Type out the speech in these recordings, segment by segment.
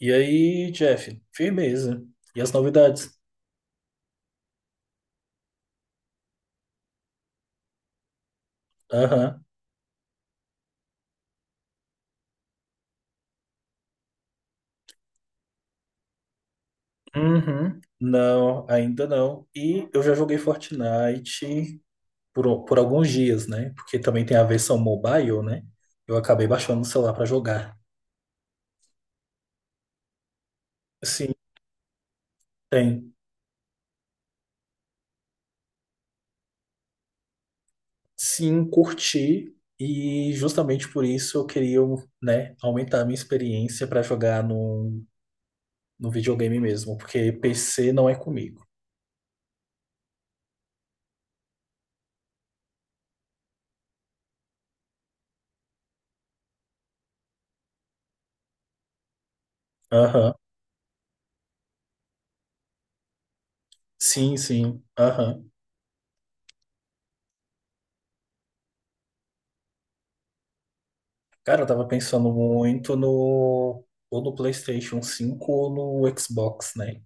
E aí, Jeff, firmeza. E as novidades? Aham. Uhum. Não, ainda não. E eu já joguei Fortnite por alguns dias, né? Porque também tem a versão mobile, né? Eu acabei baixando no celular para jogar. Sim, tem. Sim, curti. E justamente por isso eu queria, né, aumentar a minha experiência para jogar no videogame mesmo. Porque PC não é comigo. Aham. Sim, sim. Aham. Cara, eu tava pensando muito ou no PlayStation 5 ou no Xbox, né?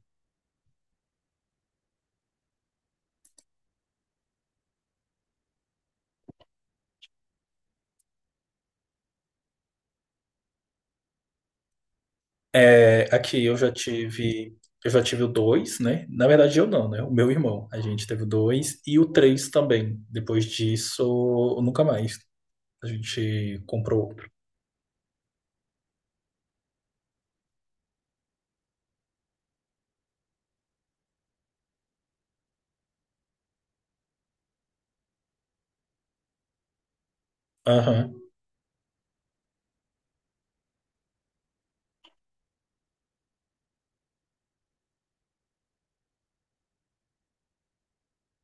É, aqui eu já tive o 2, né? Na verdade eu não, né? O meu irmão, a gente teve o 2 e o 3 também. Depois disso, nunca mais. A gente comprou outro. Aham.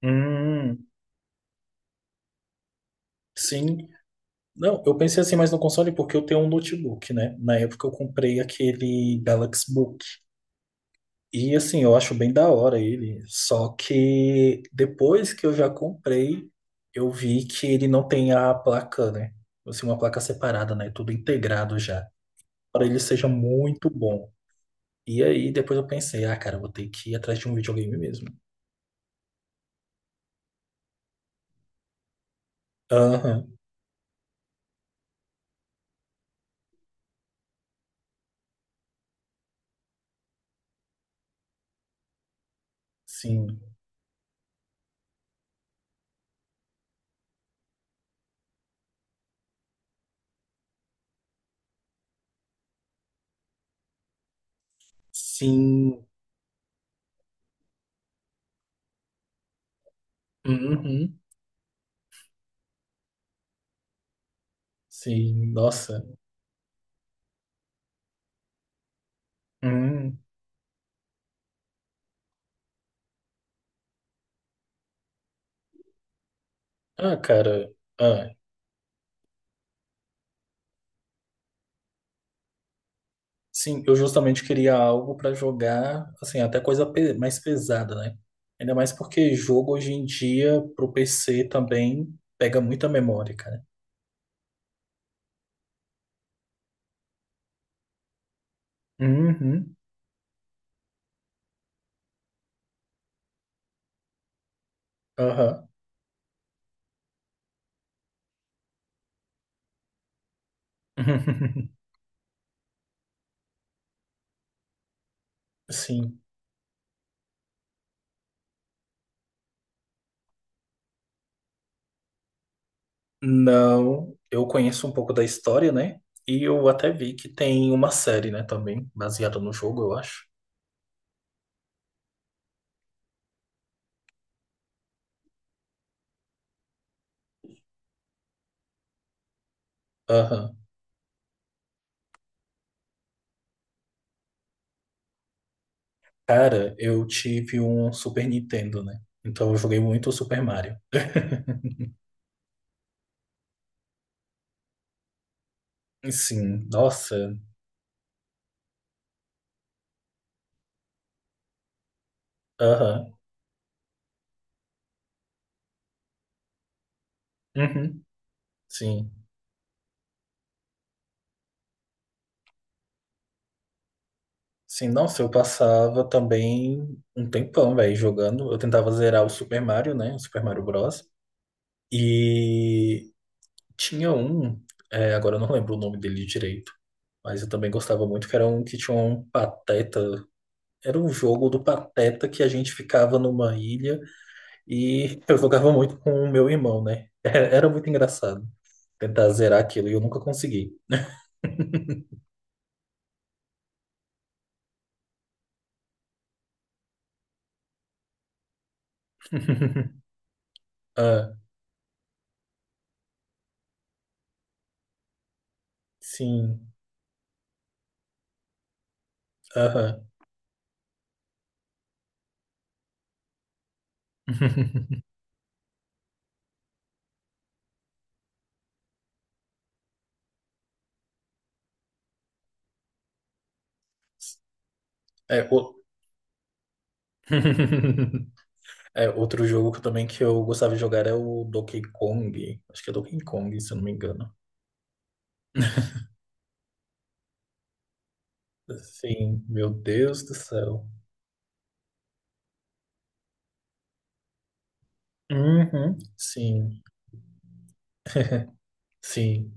Hum, sim. Não, eu pensei assim mais no console porque eu tenho um notebook, né? Na época eu comprei aquele Galaxy Book. E assim, eu acho bem da hora ele. Só que depois que eu já comprei, eu vi que ele não tem a placa, né? Assim, uma placa separada, né? Tudo integrado já. Para ele seja muito bom. E aí depois eu pensei, ah, cara, eu vou ter que ir atrás de um videogame mesmo. Aham, sim. Sim. Uhum, sim, nossa. Hum. Ah, cara. Ah. Sim, eu justamente queria algo para jogar, assim, até coisa mais pesada, né? Ainda mais porque jogo hoje em dia pro PC também pega muita memória, cara. Uhum. Aham. Sim. Não, eu conheço um pouco da história, né? E eu até vi que tem uma série, né, também, baseada no jogo, eu acho. Aham. Cara, eu tive um Super Nintendo, né? Então eu joguei muito o Super Mario. Sim, nossa. Aham. Uhum. Sim. Sim, nossa, eu passava também um tempão, velho, jogando. Eu tentava zerar o Super Mario, né? O Super Mario Bros. E tinha um, agora eu não lembro o nome dele direito, mas eu também gostava muito, que era um que tinha um pateta. Era um jogo do pateta que a gente ficava numa ilha e eu jogava muito com o meu irmão, né? Era muito engraçado tentar zerar aquilo e eu nunca consegui. Ah, sim. Aham. É, o... É, outro jogo que eu gostava de jogar é o Donkey Kong. Acho que é Donkey Kong, se eu não me engano. Sim, meu Deus do céu. Uhum, sim, sim.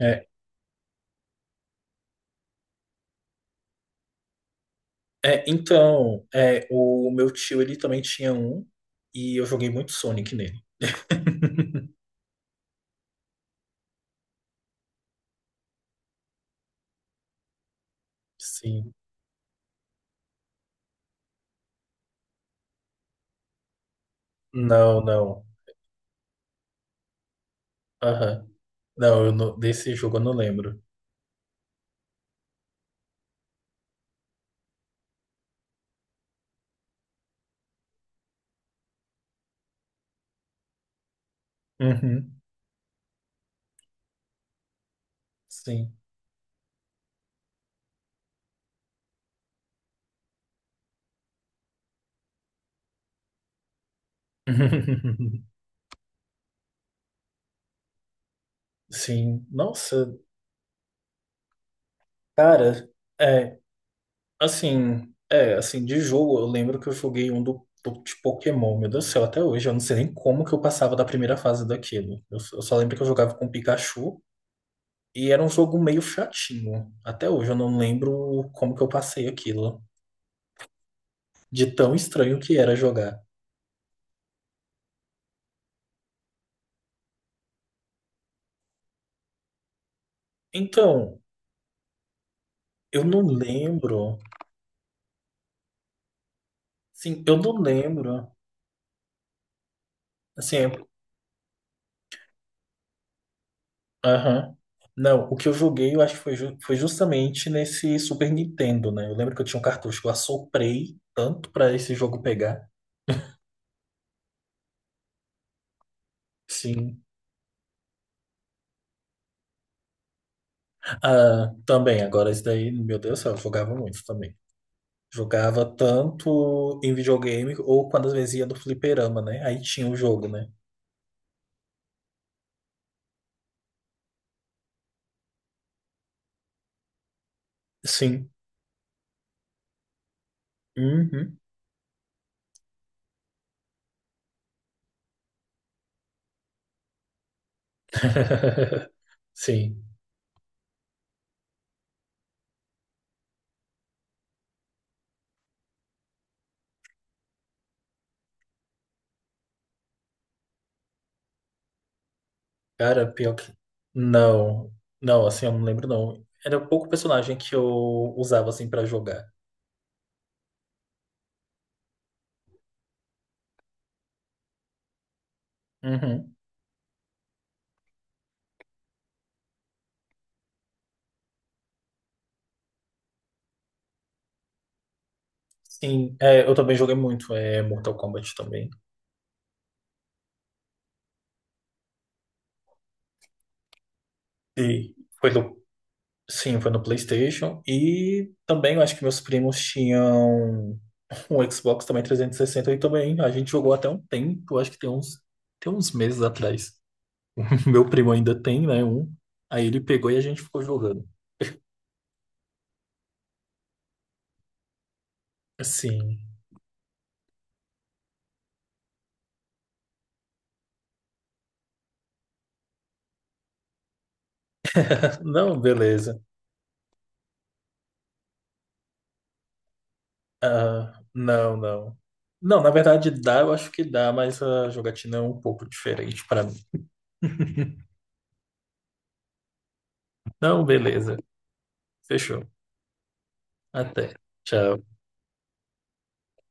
É, então, o meu tio ele também tinha um e eu joguei muito Sonic nele. Sim. Não, não. Aham. Não, eu não- desse jogo eu não lembro. Uhum, sim. Sim. Nossa, cara, é. Assim, assim, de jogo, eu lembro que eu joguei um de Pokémon, meu Deus do céu, até hoje, eu não sei nem como que eu passava da primeira fase daquilo. Só eu só lembro que eu jogava com Pikachu e era um jogo meio chatinho. Até hoje eu não lembro como que eu passei aquilo, de tão estranho que era jogar. Então, eu não lembro, sim, eu não lembro. Assim. Aham. Não, o que eu joguei, eu acho que foi justamente nesse Super Nintendo, né? Eu lembro que eu tinha um cartucho que eu assoprei tanto pra esse jogo pegar. Sim. Ah, também, agora esse daí, meu Deus do céu, eu jogava muito também. Jogava tanto em videogame ou quando às vezes ia no fliperama, né? Aí tinha o jogo, né? Sim. Uhum. Sim. Cara, pior que. Não. Não, assim, eu não lembro, não. Era pouco personagem que eu usava, assim, pra jogar. Uhum. Sim, eu também joguei muito Mortal Kombat também. E foi no, sim, foi no PlayStation. E também eu acho que meus primos tinham um Xbox também 360 e sessenta e também a gente jogou até um tempo, acho que tem uns meses atrás. Meu primo ainda tem, né, um. Aí ele pegou e a gente ficou jogando. Sim. Não, beleza. Ah, não, não. Não, na verdade dá, eu acho que dá, mas a jogatina é um pouco diferente para mim. Não, beleza. Fechou. Até. Tchau.